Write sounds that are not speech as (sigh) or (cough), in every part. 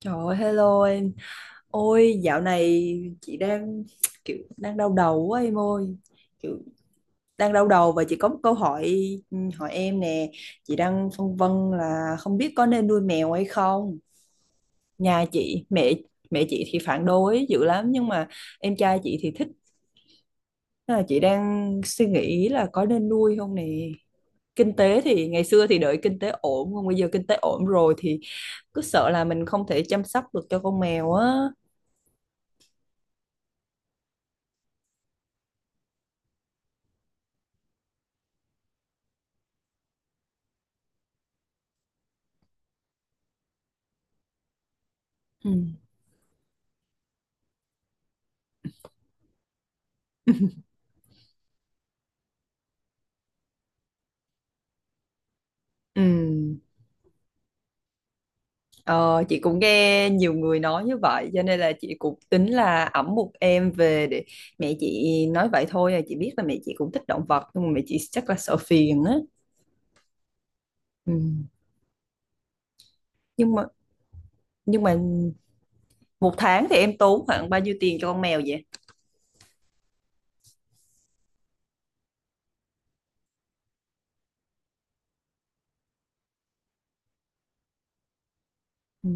Trời ơi, hello em. Ôi, dạo này chị đang (tsk) kiểu đang đau đầu quá em ơi. Kiểu đang đau đầu và chị có một câu hỏi ừ, hỏi em nè. Chị đang phân vân là không biết có nên nuôi mèo hay không. Nhà chị, mẹ mẹ chị thì phản đối dữ lắm nhưng mà em trai chị thì thích. Nên là chị đang suy nghĩ là có nên nuôi không nè. Kinh tế thì ngày xưa thì đợi kinh tế ổn, còn bây giờ kinh tế ổn rồi thì cứ sợ là mình không thể chăm sóc được cho con mèo á. Ừ. Ừ, ờ, chị cũng nghe nhiều người nói như vậy cho nên là chị cũng tính là ẵm một em về để mẹ chị nói vậy thôi à, chị biết là mẹ chị cũng thích động vật nhưng mà mẹ chị chắc là sợ phiền á. Ừ. nhưng mà nhưng mà một tháng thì em tốn khoảng bao nhiêu tiền cho con mèo vậy? Ừ.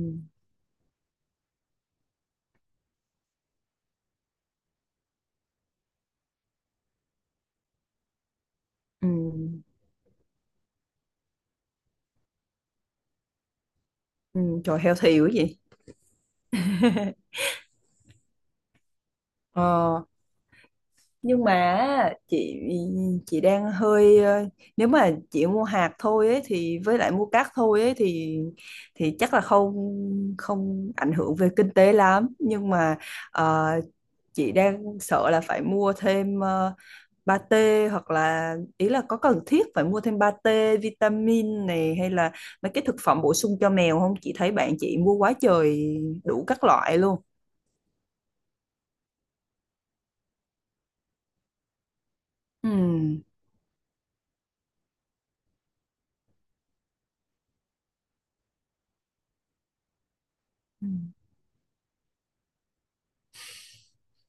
Ừ. Ừ. Trời, heo thiểu quá vậy. ờ, nhưng mà chị chị đang hơi, nếu mà chị mua hạt thôi ấy, thì với lại mua cát thôi ấy, thì chắc là không, không ảnh hưởng về kinh tế lắm, nhưng mà ờ, chị đang sợ là phải mua thêm pate, hoặc là ý là có cần thiết phải mua thêm pate vitamin này hay là mấy cái thực phẩm bổ sung cho mèo không. Chị thấy bạn chị mua quá trời, đủ các loại luôn. Ừ. Ừ.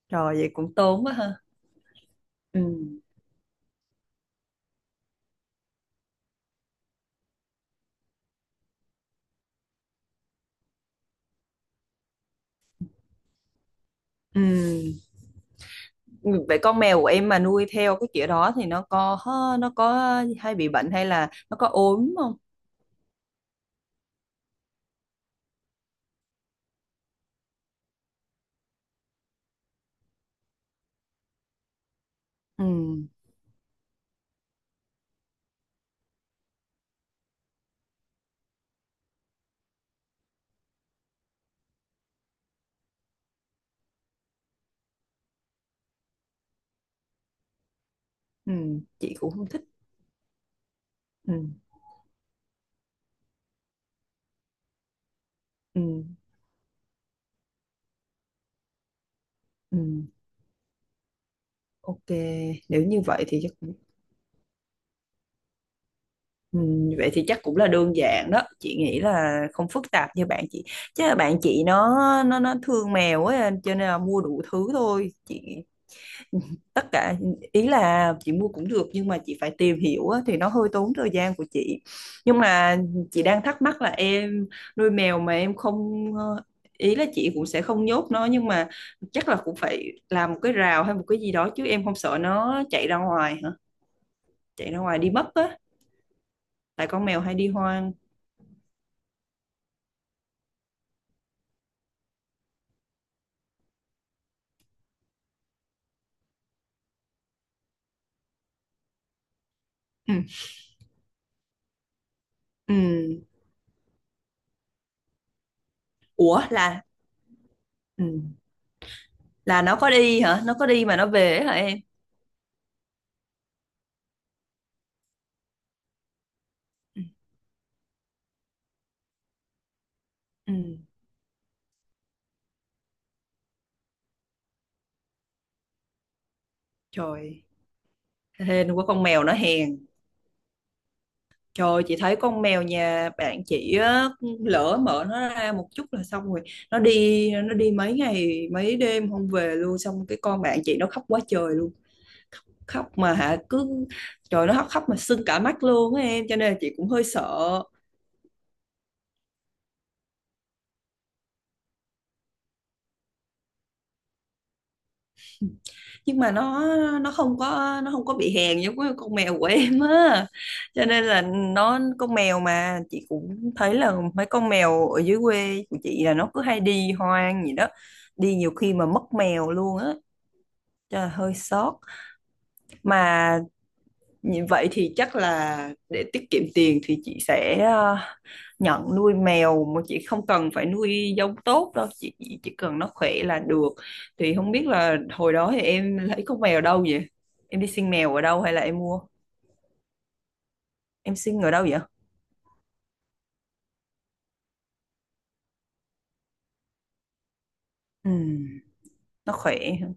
Rồi vậy cũng tốn quá ha. Ừ. Ừ. Vậy con mèo của em mà nuôi theo cái kiểu đó thì nó có hay bị bệnh hay là nó có ốm không? Ừ. Ừ. Chị cũng không thích. Ừ. Ừ. Ừ. Ok, nếu như vậy thì chắc cũng- ừ. vậy thì chắc cũng là đơn giản đó. Chị nghĩ là không phức tạp như bạn chị. Chứ là bạn chị nó thương mèo ấy cho nên là mua đủ thứ thôi. Chị tất cả, ý là chị mua cũng được nhưng mà chị phải tìm hiểu á, thì nó hơi tốn thời gian của chị. Nhưng mà chị đang thắc mắc là em nuôi mèo mà em không, ý là chị cũng sẽ không nhốt nó nhưng mà chắc là cũng phải làm một cái rào hay một cái gì đó, chứ em không sợ nó chạy ra ngoài hả, chạy ra ngoài đi mất á, tại con mèo hay đi hoang. Ừ. Ừ. Ủa, là ừ, là nó có đi hả, nó có đi mà nó về ấy hả em? Ừ. Ừ. Trời, hên quá, con mèo nó hèn. Trời ơi, chị thấy con mèo nhà bạn chị á, lỡ mở nó ra một chút là xong rồi, nó đi, nó đi mấy ngày mấy đêm không về luôn, xong cái con bạn chị nó khóc quá trời luôn. Khóc, khóc mà hả, cứ, trời, nó khóc, khóc mà sưng cả mắt luôn á em, cho nên là chị cũng hơi sợ. Nhưng mà nó không có, nó không có bị hèn giống cái con mèo của em á, cho nên là nó, con mèo mà chị cũng thấy là mấy con mèo ở dưới quê của chị là nó cứ hay đi hoang gì đó, đi nhiều khi mà mất mèo luôn á, cho là hơi sót mà. Như vậy thì chắc là để tiết kiệm tiền thì chị sẽ nhận nuôi mèo mà chị không cần phải nuôi giống tốt đâu, chị chỉ cần nó khỏe là được. Thì không biết là hồi đó thì em lấy con mèo đâu vậy, em đi xin mèo ở đâu hay là em mua, em xin ở đâu vậy? Ừ, nó khỏe hả?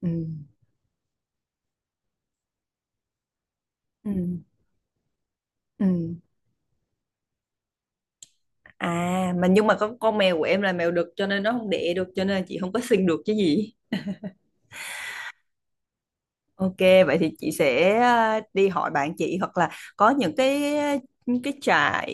Ừ, ừ, ừ. À, mà nhưng mà con mèo của em là mèo đực cho nên nó không đẻ được cho nên chị không có xin được chứ gì. Ok, vậy thì chị sẽ đi hỏi bạn chị, hoặc là có những cái trại,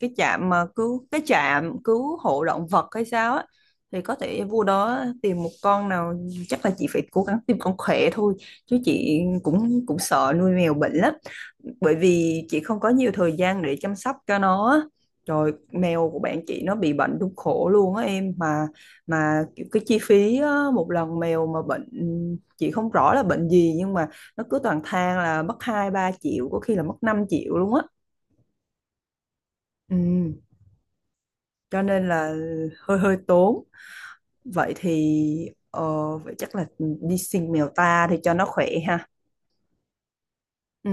cái trạm mà cứu, cái trạm cứu hộ động vật hay sao á, thì có thể vô đó tìm một con nào. Chắc là chị phải cố gắng tìm con khỏe thôi, chứ chị cũng cũng sợ nuôi mèo bệnh lắm, bởi vì chị không có nhiều thời gian để chăm sóc cho nó á. Rồi mèo của bạn chị nó bị bệnh đúng khổ luôn á em, mà cái chi phí á, một lần mèo mà bệnh chị không rõ là bệnh gì nhưng mà nó cứ toàn than là mất 2-3 triệu, có khi là mất 5 triệu luôn á. Ừ. Cho nên là hơi hơi tốn. Vậy thì vậy chắc là đi xin mèo ta thì cho nó khỏe ha. Ừ.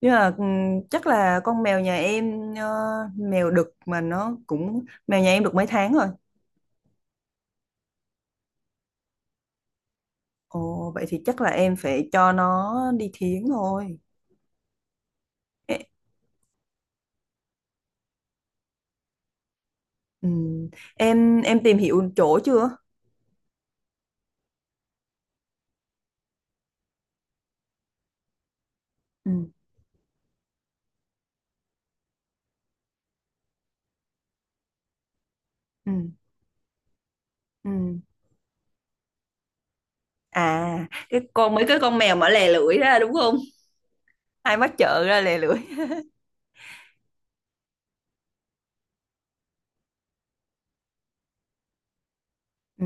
Nhưng mà ừ, chắc là con mèo nhà em mèo đực mà nó cũng, mèo nhà em được mấy tháng rồi. Ồ, vậy thì chắc là em phải cho nó đi thiến thôi. Ừ. Em tìm hiểu chỗ chưa? Ừ. Ừ. Ừ. À, cái con, mấy cái con mèo mà lè lưỡi ra đúng không, ai mắt trợn ra lè lưỡi. Ừ.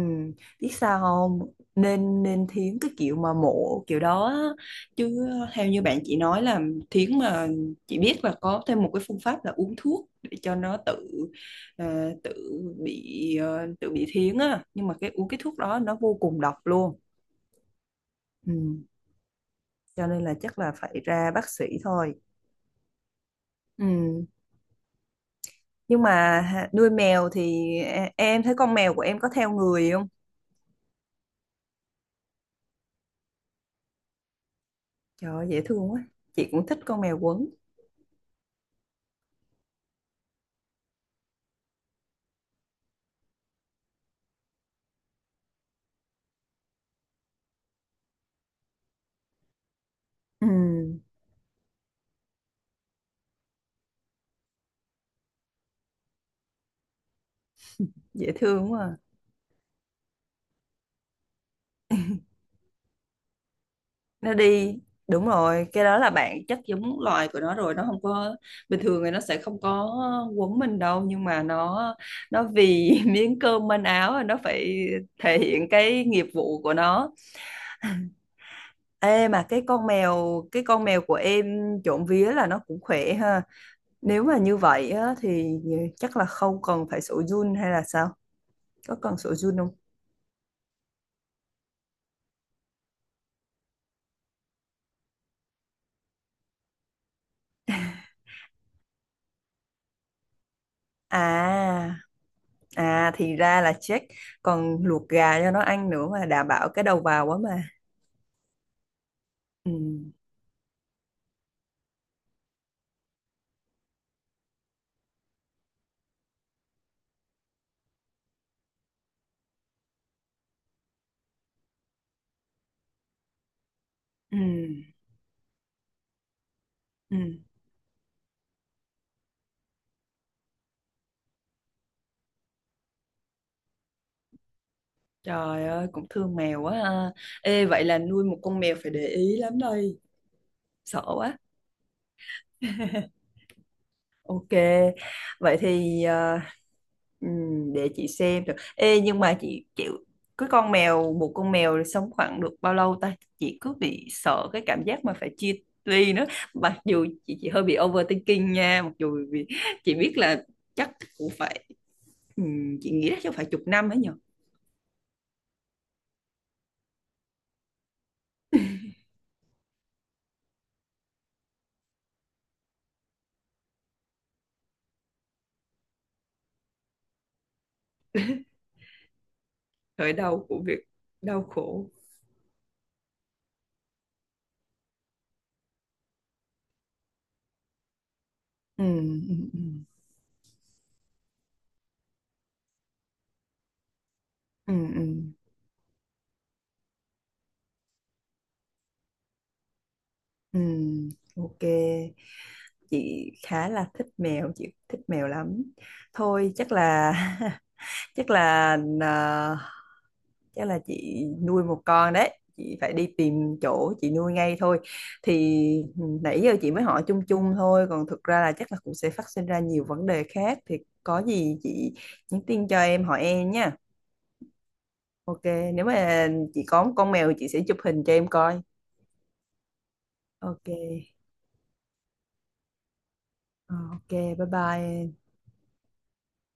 Biết sao không? Nên nên thiến cái kiểu mà mộ kiểu đó á. Chứ theo như bạn chị nói là thiến mà, chị biết là có thêm một cái phương pháp là uống thuốc để cho nó tự ờ, tự ờ, tự bị thiến á, nhưng mà cái uống cái thuốc đó nó vô cùng độc luôn. Ừ. Cho nên là chắc là phải ra bác sĩ thôi. Ừ. Nhưng mà nuôi mèo thì em thấy con mèo của em có theo người không? Trời ơi, dễ thương quá. Chị cũng thích con mèo quấn. Ừ. Dễ thương quá, à. Nó đi, đúng rồi, cái đó là bạn chắc giống loài của nó rồi, nó không có, bình thường thì nó sẽ không có quấn mình đâu, nhưng mà nó vì (laughs) miếng cơm manh áo nó phải thể hiện cái nghiệp vụ của nó. Ê, mà cái con mèo của em trộm vía là nó cũng khỏe ha. Nếu mà như vậy á, thì chắc là không cần phải sổ Jun hay là sao, có cần sổ Jun không? À, à thì ra là check, còn luộc gà cho nó ăn nữa mà, đảm bảo cái đầu vào quá mà. Ừ, ừ, ừ. Trời ơi, cũng thương mèo quá ha. Ê, vậy là nuôi một con mèo phải để ý lắm đây. Sợ quá. (laughs) Ok, vậy thì để chị xem được. Ê, nhưng mà chị chịu, cái con mèo, một con mèo sống khoảng được bao lâu ta? Chị cứ bị sợ cái cảm giác mà phải chia ly nữa. Mặc dù chị hơi bị overthinking nha, mặc dù vì chị biết là chắc cũng phải, chị nghĩ là chắc phải chục năm ấy nhở. Thời đau của việc đau khổ. Ừ, ừ, ừ, ừ, ừ, ừ, ok. Chị khá là thích mèo, chị thích mèo lắm. Thôi chắc là (laughs) chắc là ờ, chắc là chị nuôi một con đấy, chị phải đi tìm chỗ chị nuôi ngay thôi. Thì nãy giờ chị mới hỏi chung chung thôi, còn thực ra là chắc là cũng sẽ phát sinh ra nhiều vấn đề khác, thì có gì chị nhắn tin cho em hỏi em nha. Ok. Nếu mà chị có một con mèo chị sẽ chụp hình cho em coi. Ok. Ờ, ok bye bye.